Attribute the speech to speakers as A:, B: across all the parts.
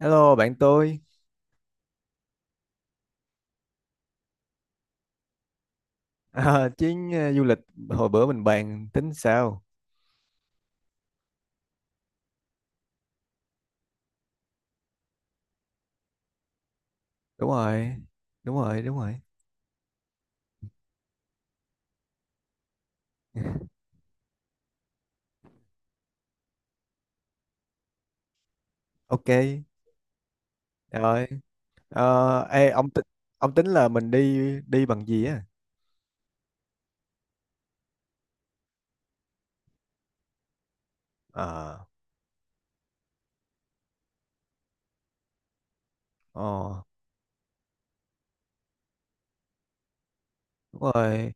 A: Hello bạn tôi. À, chuyến du lịch hồi bữa mình bàn tính sao? Đúng rồi. Đúng rồi, đúng rồi. Ok. Rồi. Ờ, ê, ông tính là mình đi đi bằng gì á? À. Ồ, đúng rồi.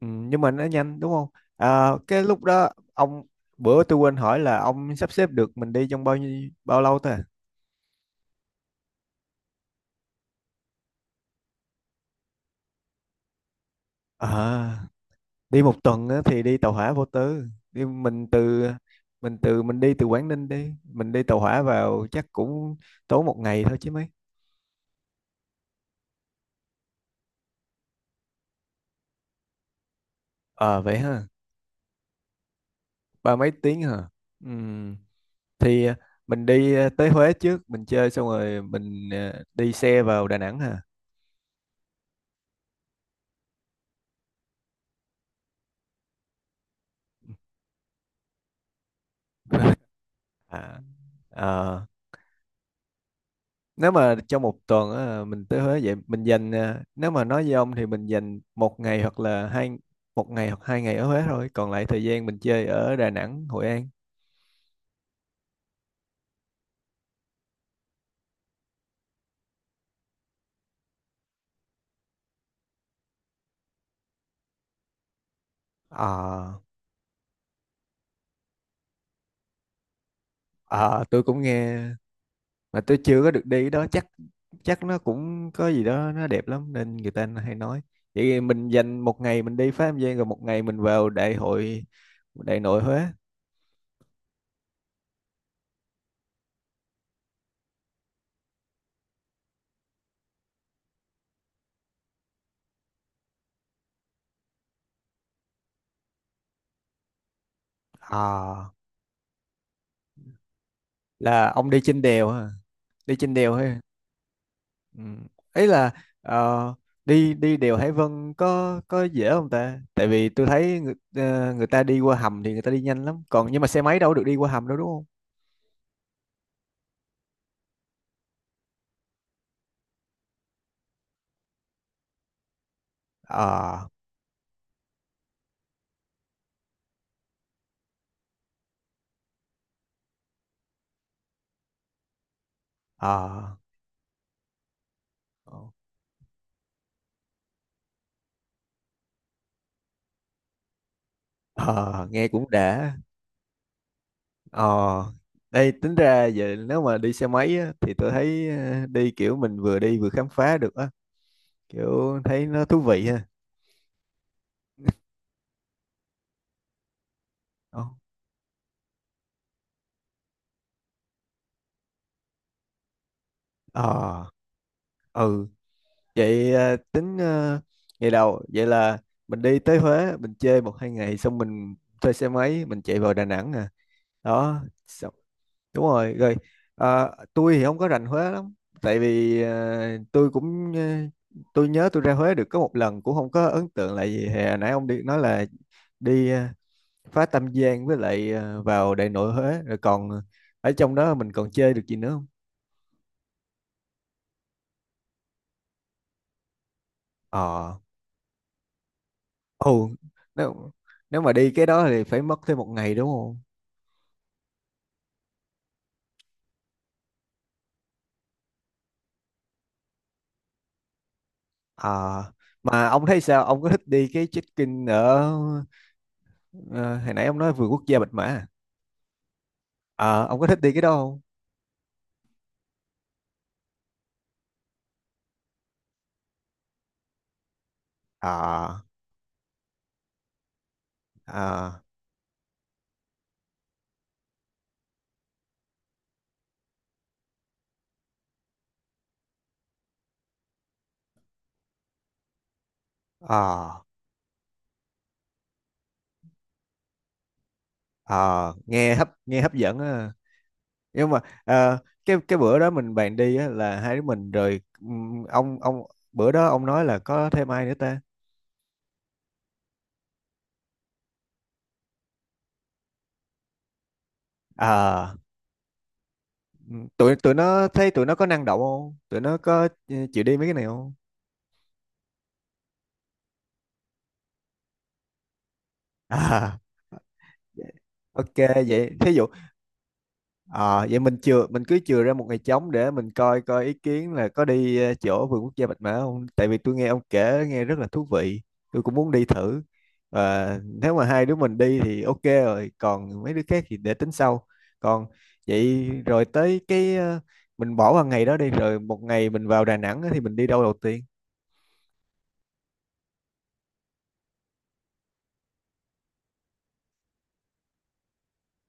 A: Ừ, nhưng mà nó nhanh đúng không? À, cái lúc đó ông bữa tôi quên hỏi là ông sắp xếp được mình đi trong bao lâu ta? À, đi một tuần á, thì đi tàu hỏa vô tư. Đi mình từ mình từ mình đi từ Quảng Ninh, đi tàu hỏa vào chắc cũng tốn một ngày thôi chứ mấy. Ờ vậy ha. Ba mấy tiếng hả? Ừm, thì à, mình đi à, tới Huế trước mình chơi xong rồi mình, à, đi xe vào Đà Nẵng hả? À, ờ, nếu mà trong một tuần á, mình tới Huế vậy nếu mà nói với ông thì mình dành một ngày hoặc là hai. Một ngày hoặc 2 ngày ở Huế thôi, còn lại thời gian mình chơi ở Đà Nẵng, Hội An. Ờ. Ờ, tôi cũng nghe, mà tôi chưa có được đi đó. Chắc chắc nó cũng có gì đó nó đẹp lắm nên người ta hay nói. Vậy thì mình dành một ngày mình đi Phá Âm Giang, rồi một ngày mình vào đại nội Huế. À, là ông đi trên đèo hả? Đi trên đèo hay Ừ. Ấy là, ờ, đi đi đèo Hải Vân có dễ không ta? Tại vì tôi thấy người ta đi qua hầm thì người ta đi nhanh lắm, còn nhưng mà xe máy đâu được đi qua hầm đâu, đúng không? Ờ. Ờ. Ờ. Ờ, nghe cũng đã. Ờ, đây tính ra vậy. Nếu mà đi xe máy á, thì tôi thấy, đi kiểu mình vừa đi vừa khám phá được á, kiểu thấy nó thú vị ha. Ờ. Ờ. Ừ, vậy, tính, ngày đầu vậy là mình đi tới Huế, mình chơi một hai ngày xong mình thuê xe máy, mình chạy vào Đà Nẵng à. Đó, xong. Đúng rồi. Rồi. Tôi thì không có rành Huế lắm, tại vì, tôi nhớ tôi ra Huế được có một lần cũng không có ấn tượng là gì. Hè nãy ông đi nói là đi, phá Tam Giang, với lại, vào Đại Nội Huế, rồi còn ở trong đó mình còn chơi được gì nữa không? Ờ. Ồ, nếu nếu mà đi cái đó thì phải mất thêm một ngày đúng không? Ờ, mà ông thấy sao? Ông có thích đi cái check-in ở, ờ, hồi nãy ông nói vườn quốc gia Bạch Mã à? Ờ, ông có thích đi cái đó không? Ờ. Ờ. Ờ. Ờ, nghe hấp dẫn á. Nhưng mà, cái bữa đó mình bàn đi á là hai đứa mình rồi, ông bữa đó ông nói là có thêm ai nữa ta? Ờ, tụi tụi nó thấy tụi nó có năng động không? Tụi nó có, ừ, chịu đi mấy cái này không? À, ok, vậy thí dụ. Ờ, vậy mình cứ chừa ra một ngày trống để mình coi coi ý kiến là có đi, chỗ vườn quốc gia Bạch Mã không. Tại vì tôi nghe ông kể nghe rất là thú vị, tôi cũng muốn đi thử. Và nếu mà hai đứa mình đi thì ok rồi, còn mấy đứa khác thì để tính sau. Còn vậy rồi tới cái, mình bỏ vào ngày đó đi rồi. Một ngày mình vào Đà Nẵng á thì mình đi đâu đầu tiên?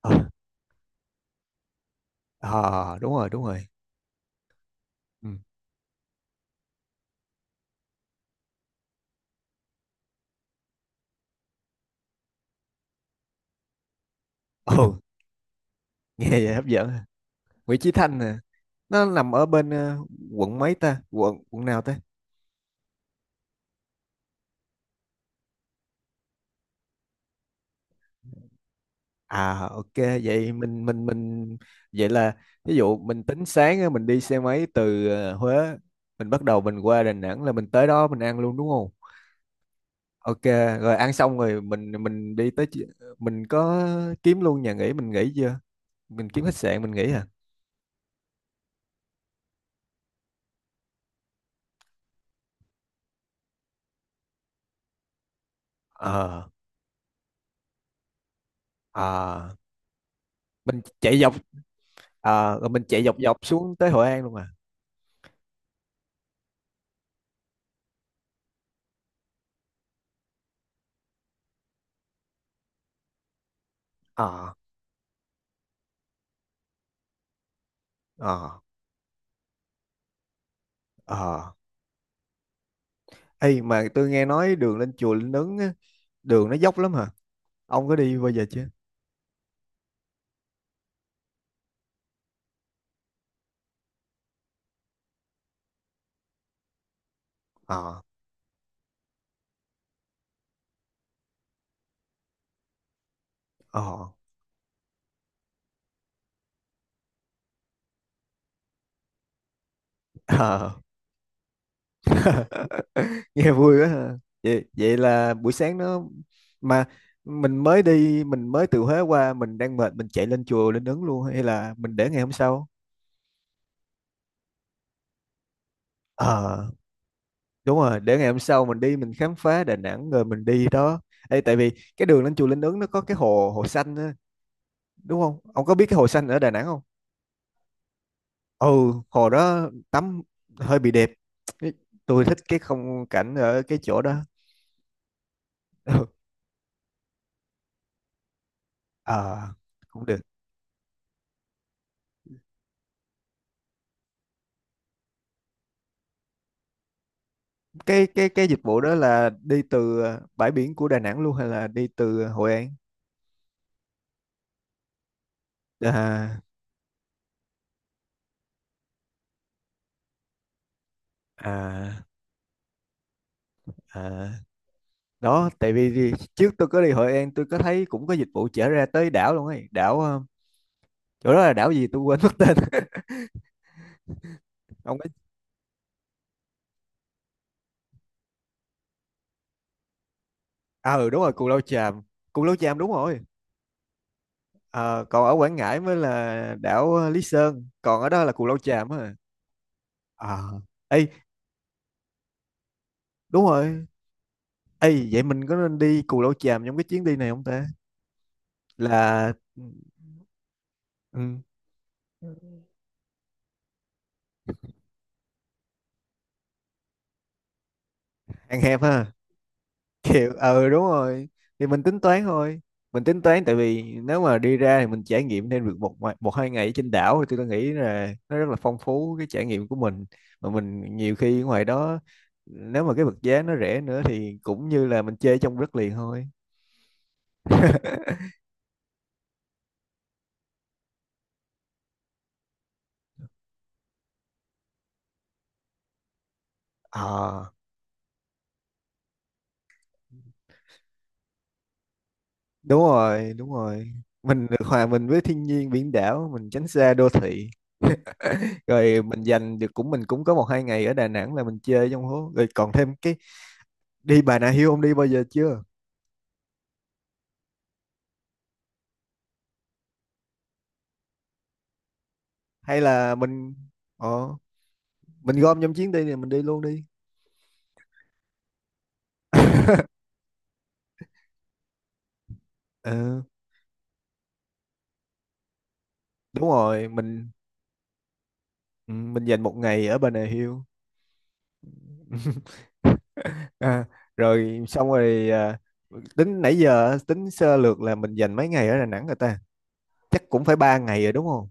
A: Ờ. Ờ, đúng rồi, đúng rồi. Ừ. Ồ, nghe vậy hấp dẫn. Nguyễn Chí Thanh nè. Nó nằm ở bên, quận quận nào ta? À, ok, vậy mình vậy là ví dụ mình tính sáng á, mình đi xe máy từ, Huế, mình bắt đầu mình qua Đà Nẵng là mình tới đó mình ăn luôn đúng không? Ok. Rồi ăn xong rồi mình đi tới mình có kiếm luôn nhà nghỉ mình nghỉ chưa? Mình kiếm khách sạn mình nghỉ à? Ờ. À, mình chạy dọc à, rồi mình chạy dọc dọc xuống tới Hội An luôn à? Ờ. Ờ. Ờ. Ê mà tôi nghe nói đường lên chùa Linh Ứng á, đường nó dốc lắm hả? Ông có đi bao giờ chưa? Ờ. Ờ. Ờ. Nghe vui quá ha. Vậy là buổi sáng nó, mà, mình mới từ Huế qua, mình đang mệt, mình chạy lên chùa Linh Ứng luôn hay là mình để ngày hôm sau? Ờ, đúng rồi, để ngày hôm sau mình đi mình khám phá Đà Nẵng rồi mình đi đó. Ê, tại vì cái đường lên chùa Linh Ứng nó có cái hồ hồ xanh á, đúng không? Ông có biết cái hồ xanh ở Đà Nẵng không? Ừ, hồ đó tắm hơi bị đẹp. Cái- Tôi thích cái không cảnh ở cái chỗ đó. Ờ cũng được. Cái dịch vụ đó là đi từ, à, bãi biển của Đà Nẵng luôn hay là đi từ Hội An? À. À. À. Đó, tại vì trước tôi có đi Hội An tôi có thấy cũng có dịch vụ chở ra tới đảo luôn ấy. Đảo, chỗ đó là đảo gì tôi quên mất tên. Ông ấy. À, ừ đúng rồi, Cù Lao Chàm. Cù Lao Chàm, đúng rồi. Ờ, còn ở Quảng Ngãi mới là đảo, Lý Sơn. Còn ở đó là Cù Lao Chàm á. À. Ê. Đúng rồi. Ê, vậy mình có nên đi Cù Lao Chàm trong cái chuyến đi này không ta? Là, ừ. Ăn hẹp ha. Kiểu ừ, đúng rồi, thì mình tính toán, tại vì nếu mà đi ra thì mình trải nghiệm thêm được một một hai ngày ở trên đảo thì tôi nghĩ là nó rất là phong phú cái trải nghiệm của mình. Mà mình nhiều khi ngoài đó, nếu mà cái vật giá nó rẻ nữa thì cũng như là mình chơi trong đất liền thôi. Ờ, đúng rồi, đúng rồi, mình được hòa mình với thiên nhiên biển đảo, mình tránh xa đô thị. Rồi mình cũng có một hai ngày ở Đà Nẵng là mình chơi trong hố, rồi còn thêm cái đi Bà Nà Hills. Ông đi bao giờ chưa? Hay là ờ, mình gom trong chuyến đi này mình đi luôn đi. Ờ, đúng rồi mình dành một ngày ở Bà Nà Hills. À, rồi xong rồi, à, tính nãy giờ á, tính sơ lược là mình dành mấy ngày ở Đà Nẵng rồi ta? Chắc cũng phải 3 ngày rồi đúng không?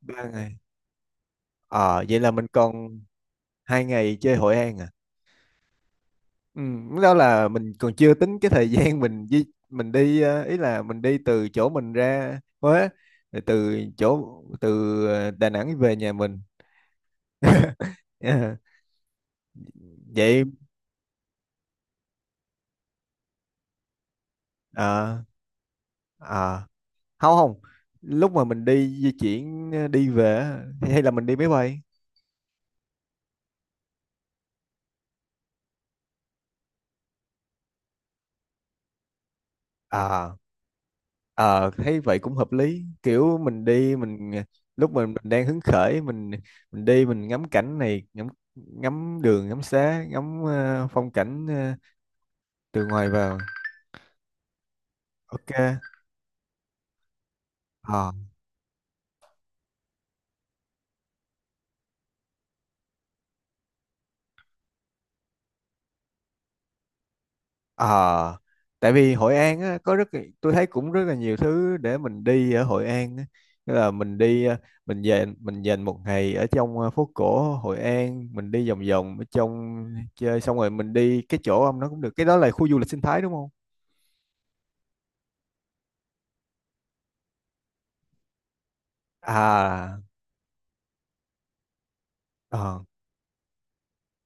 A: 3 ngày. Ờ vậy là mình còn 2 ngày chơi Hội An à? Ừ, lúc đó là mình còn chưa tính cái thời gian mình đi, ý là mình đi từ chỗ mình ra Huế rồi từ, Đà Nẵng về nhà mình. Ờ, vậy. ờ ờ, không, không lúc mà mình đi di chuyển, đi về á, hay là mình đi máy bay? À, ờ thấy vậy cũng hợp lý. Kiểu mình đi mình lúc mình đang hứng khởi mình đi mình ngắm cảnh này, ngắm ngắm đường ngắm xá, ngắm, phong cảnh, từ ngoài vào. Ok. Ờ. Ờ, tại vì Hội An á, có rất tôi thấy cũng rất là nhiều thứ để mình đi ở Hội An á. Tức là mình dành một ngày ở trong, phố cổ Hội An mình đi vòng vòng ở trong chơi xong rồi mình đi cái chỗ ông nó, cũng được cái đó là khu du lịch sinh thái đúng không? À. Ờ.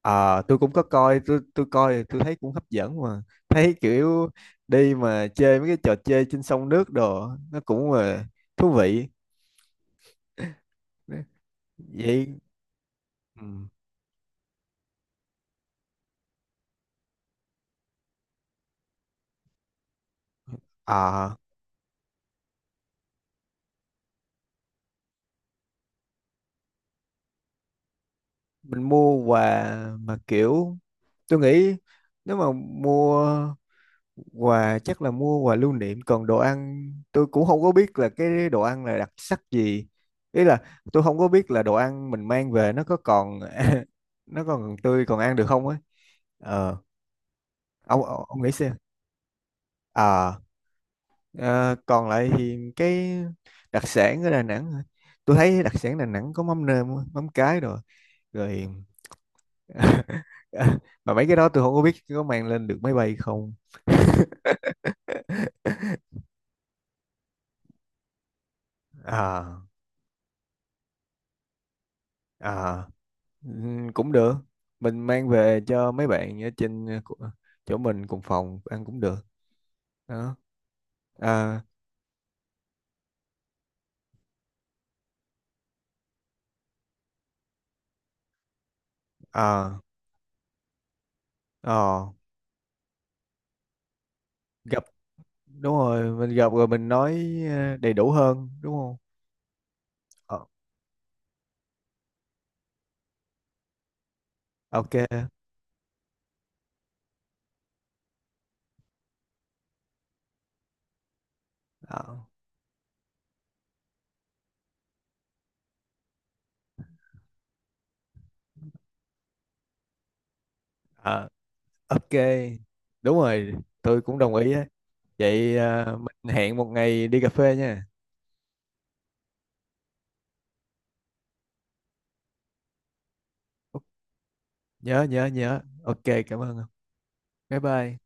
A: À, tôi cũng có coi tôi coi tôi thấy cũng hấp dẫn, mà thấy kiểu đi mà chơi mấy cái trò chơi trên sông nước đồ nó cũng là thú vị vậy. Ừ. À, mình mua quà mà kiểu tôi nghĩ, nếu mà mua quà chắc là mua quà lưu niệm. Còn đồ ăn tôi cũng không có biết là cái đồ ăn là đặc sắc gì. Ý là tôi không có biết là đồ ăn mình mang về nó có còn nó còn tươi còn ăn được không ấy. Ờ, ông nghĩ xem. À, ờ, còn lại thì cái đặc sản ở Đà Nẵng hả? Tôi thấy đặc sản Đà Nẵng có mắm nêm, mắm cái, rồi. Rồi. Mà mấy cái đó tôi không có biết có mang lên được máy bay không. À. À. Ừ, cũng được. Mình mang về cho mấy bạn ở trên, chỗ mình cùng phòng ăn cũng được đó. À. À. ờ, gặp đúng rồi, mình gặp rồi mình nói, đầy đủ hơn đúng không? Ờ. Ok. Ờ. Ờ. Ok, đúng rồi, tôi cũng đồng ý á. Vậy, mình hẹn một ngày đi cà phê nha. Ok. Nhớ, nhớ, nhớ. Ok, cảm ơn. Bye bye.